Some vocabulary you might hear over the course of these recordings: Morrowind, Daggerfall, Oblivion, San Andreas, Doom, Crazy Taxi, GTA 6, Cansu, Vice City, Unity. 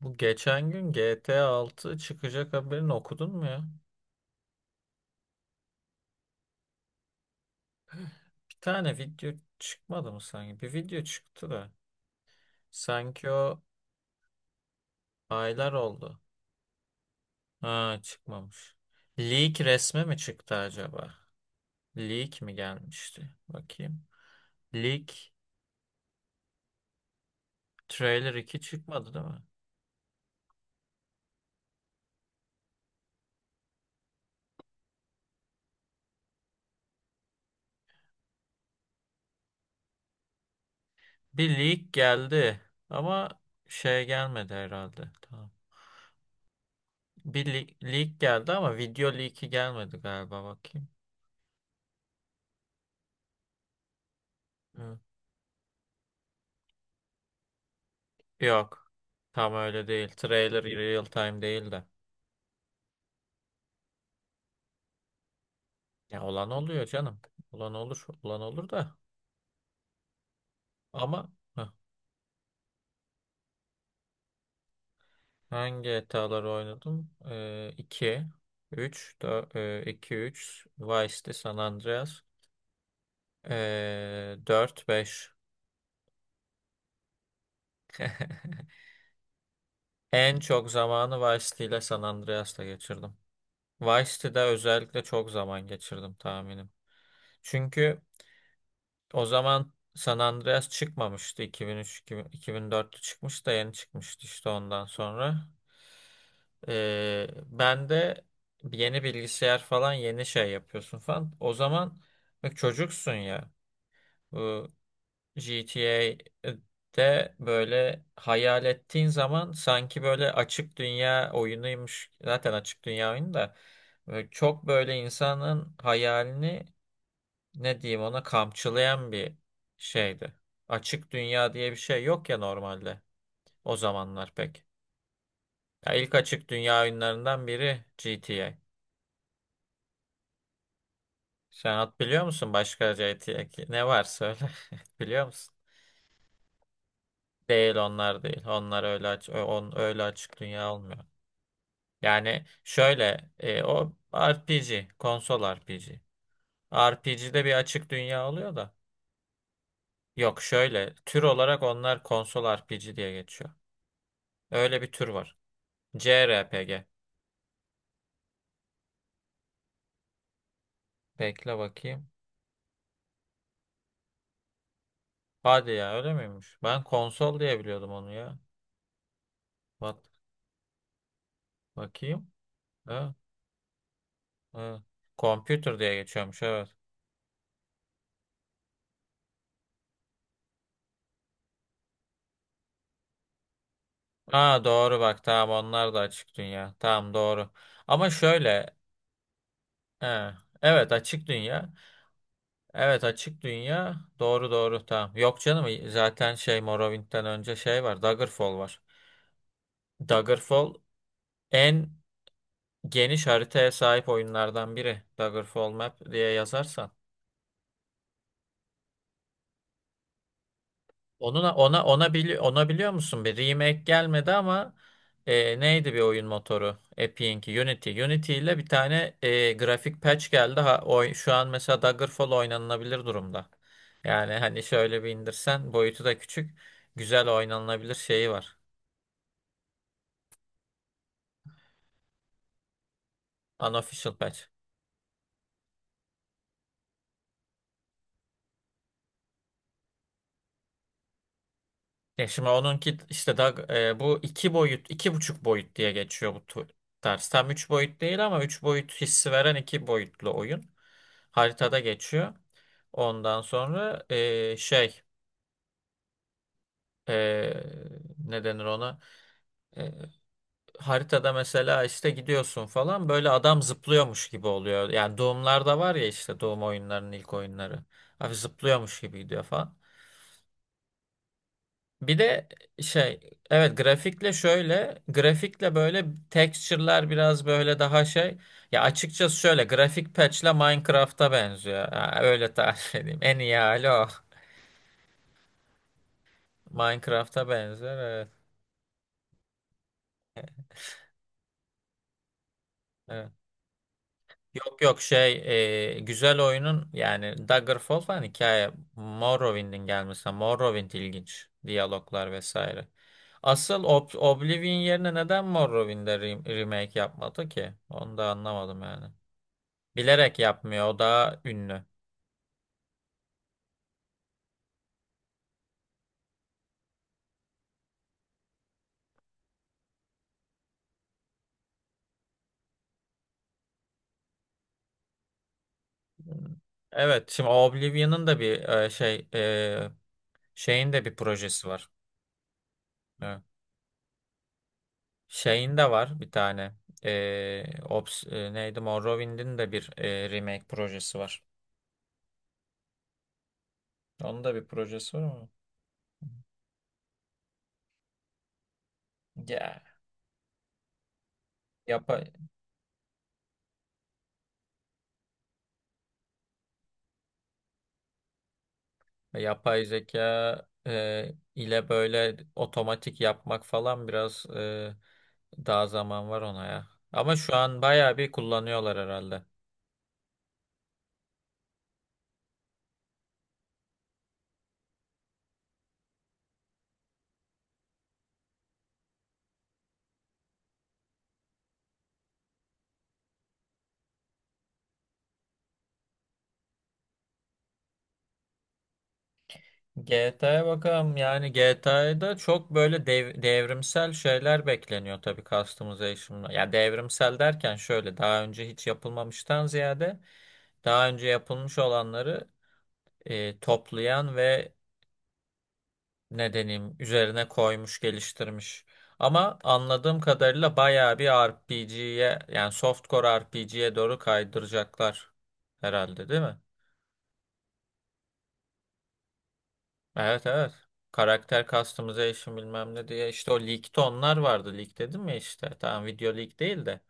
Bu geçen gün GTA 6 çıkacak haberini okudun mu ya? Bir tane video çıkmadı mı sanki? Bir video çıktı da. Sanki o aylar oldu. Ha, çıkmamış. Leak resmi mi çıktı acaba? Leak mi gelmişti? Bakayım. Leak trailer 2 çıkmadı değil mi? Bir leak geldi ama şey gelmedi herhalde. Tamam. Bir leak geldi ama video leak'i gelmedi galiba, bakayım. Yok. Tam öyle değil. Trailer real time değil de. Ya olan oluyor canım. Olan olur. Olan olur da. Ama hangi GTA'ları oynadım? 2, 3, 2 3. Vice City, San Andreas, dört, 5. En çok zamanı Vice City ile San Andreas'ta geçirdim. Vice City'de özellikle çok zaman geçirdim tahminim. Çünkü o zaman San Andreas çıkmamıştı. 2003, 2000 2004'te çıkmış da yeni çıkmıştı işte ondan sonra. Ben de yeni bilgisayar falan yeni şey yapıyorsun falan. O zaman bak, çocuksun ya. Bu GTA'de böyle hayal ettiğin zaman sanki böyle açık dünya oyunuymuş. Zaten açık dünya oyunu da. Böyle çok böyle insanın hayalini ne diyeyim ona, kamçılayan bir şeydi. Açık dünya diye bir şey yok ya normalde, o zamanlar pek. Ya ilk açık dünya oyunlarından biri GTA. Sen at biliyor musun başka GTA ki? Ne var, söyle. Biliyor musun? Değil, onlar değil. Onlar öyle öyle açık dünya olmuyor. Yani şöyle o RPG, konsol RPG. RPG'de bir açık dünya oluyor da. Yok, şöyle tür olarak onlar konsol RPG diye geçiyor. Öyle bir tür var. CRPG. Bekle bakayım. Hadi ya, öyle miymiş? Ben konsol diye biliyordum onu ya. Bak bakayım. Ha, ha. Computer diye geçiyormuş, evet. Aa, doğru bak, tamam, onlar da açık dünya. Tamam, doğru. Ama şöyle, he, evet, açık dünya. Evet, açık dünya. Doğru, doğru, tamam. Yok canım, zaten şey, Morrowind'den önce şey var. Daggerfall var. Daggerfall en geniş haritaya sahip oyunlardan biri. Daggerfall Map diye yazarsan. Onuna ona ona bili ona biliyor musun? Bir remake gelmedi ama neydi bir oyun motoru? Epic'inki Unity. Unity ile bir tane grafik patch geldi. Şu an mesela Daggerfall oynanılabilir durumda. Yani hani şöyle bir indirsen boyutu da küçük. Güzel oynanılabilir şeyi var. Unofficial patch. Şimdi onunki işte daha bu iki boyut, iki buçuk boyut diye geçiyor bu ders. Tam üç boyut değil ama üç boyut hissi veren iki boyutlu oyun. Haritada geçiyor. Ondan sonra e, ne denir ona? E, haritada mesela işte gidiyorsun falan, böyle adam zıplıyormuş gibi oluyor. Yani Doom'larda var ya işte, Doom oyunlarının ilk oyunları. Abi zıplıyormuş gibi gidiyor falan. Bir de şey evet, grafikle şöyle grafikle böyle texture'lar biraz böyle daha şey, ya açıkçası şöyle grafik patch'le Minecraft'a benziyor. Ha, öyle tarif edeyim. En iyi hali o. Minecraft'a benzer, evet. Evet. Yok yok, güzel oyunun yani, Daggerfall falan, hikaye Morrowind'in gelmesi. Morrowind ilginç. Diyaloglar vesaire. Asıl Oblivion yerine neden Morrowind'e remake yapmadı ki? Onu da anlamadım yani. Bilerek yapmıyor. O daha ünlü. Evet. Şimdi Oblivion'ın da bir şeyin de bir projesi var. Evet. Şeyin de var bir tane. E, neydi? Morrowind'in de bir remake projesi var. Onun da bir projesi var ama. Ya. Yapay, yapay zeka ile böyle otomatik yapmak falan, biraz daha zaman var ona ya. Ama şu an bayağı bir kullanıyorlar herhalde. GTA'ya bakalım. Yani GTA'da çok böyle devrimsel şeyler bekleniyor tabii, customization'la. Ya devrimsel derken şöyle, daha önce hiç yapılmamıştan ziyade daha önce yapılmış olanları toplayan ve ne deneyim üzerine koymuş, geliştirmiş. Ama anladığım kadarıyla bayağı bir RPG'ye, yani softcore RPG'ye doğru kaydıracaklar herhalde, değil mi? Evet, evet. Karakter customization bilmem ne diye, işte o leak'te onlar vardı. Leak dedim ya işte. Tamam, video leak değil de.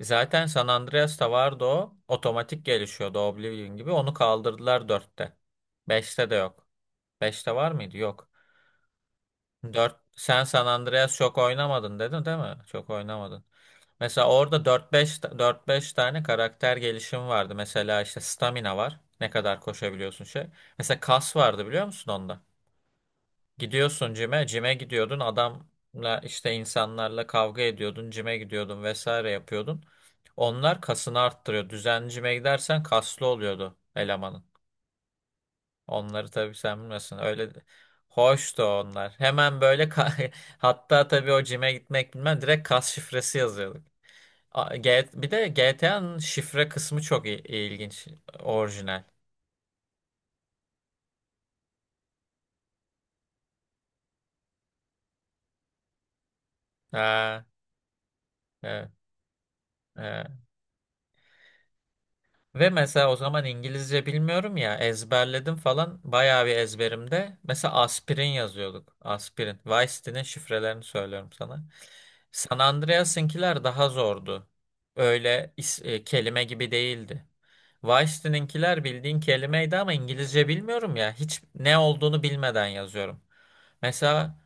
Zaten San Andreas'ta vardı o. Otomatik gelişiyordu Oblivion gibi. Onu kaldırdılar dörtte, beşte de yok. Beşte var mıydı? Yok. Dört, sen San Andreas çok oynamadın dedin değil mi? Çok oynamadın. Mesela orada 4-5 tane karakter gelişimi vardı. Mesela işte stamina var. Ne kadar koşabiliyorsun şey. Mesela kas vardı, biliyor musun onda? Gidiyorsun cime, cime gidiyordun, adamla işte insanlarla kavga ediyordun, cime gidiyordun vesaire yapıyordun. Onlar kasını arttırıyor. Düzenli cime gidersen kaslı oluyordu elemanın. Onları tabii sen bilmiyorsun. Hoştu onlar. Hemen böyle hatta tabii o cime gitmek bilmem, direkt kas şifresi yazıyorduk. Bir de GTA'nın şifre kısmı çok ilginç, orijinal. Ha, evet, evet. Ve mesela o zaman İngilizce bilmiyorum ya, ezberledim falan, bayağı bir ezberimde. Mesela aspirin yazıyorduk. Aspirin. Vice City'nin şifrelerini söylüyorum sana. San Andreas'ınkiler daha zordu. Öyle kelime gibi değildi. Vice City'ninkiler bildiğin kelimeydi ama İngilizce bilmiyorum ya. Hiç ne olduğunu bilmeden yazıyorum. Mesela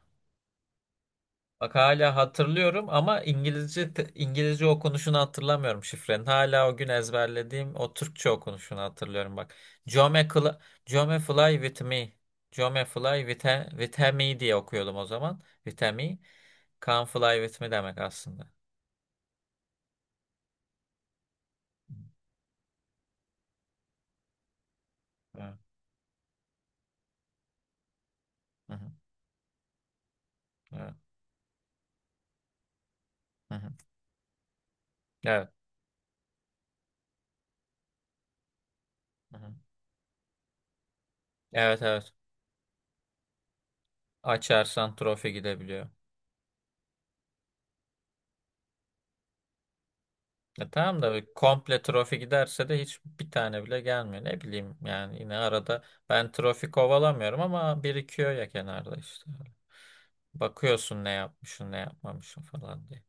bak, hala hatırlıyorum ama İngilizce İngilizce okunuşunu hatırlamıyorum şifrenin. Hala o gün ezberlediğim o Türkçe okunuşunu hatırlıyorum bak. Jome, Jome fly with me. Jome fly with, with he me diye okuyordum o zaman. With he me. Come fly with me demek aslında. Evet. Hı hı. Evet. Hı hı. Evet. Hı hı. Evet, evet. Açarsan trofi gidebiliyor. Tamam da bir komple trofi giderse de hiç bir tane bile gelmiyor. Ne bileyim yani, yine arada ben trofi kovalamıyorum ama birikiyor ya kenarda işte. Bakıyorsun ne yapmışsın, ne yapmamışsın falan diye.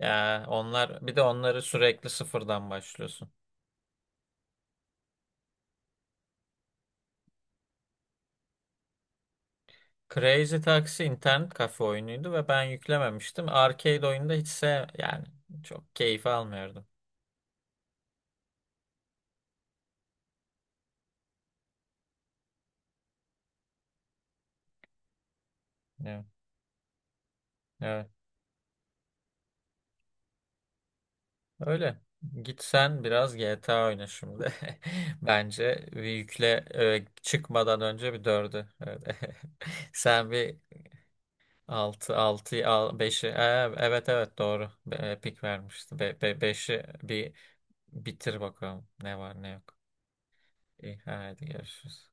Ya onlar bir de, onları sürekli sıfırdan başlıyorsun. Crazy Taxi internet kafe oyunuydu ve ben yüklememiştim. Arcade oyunda hiç yani çok keyif almıyordum. Evet. Evet. Öyle. Git sen biraz GTA oyna şimdi. Bence yükle çıkmadan önce bir dördü. Öyle. Sen bir 6 6'yı al, 5'i. Evet, evet, doğru. Pik vermişti. Beşi bir bitir bakalım. Ne var ne yok. İyi, hadi görüşürüz.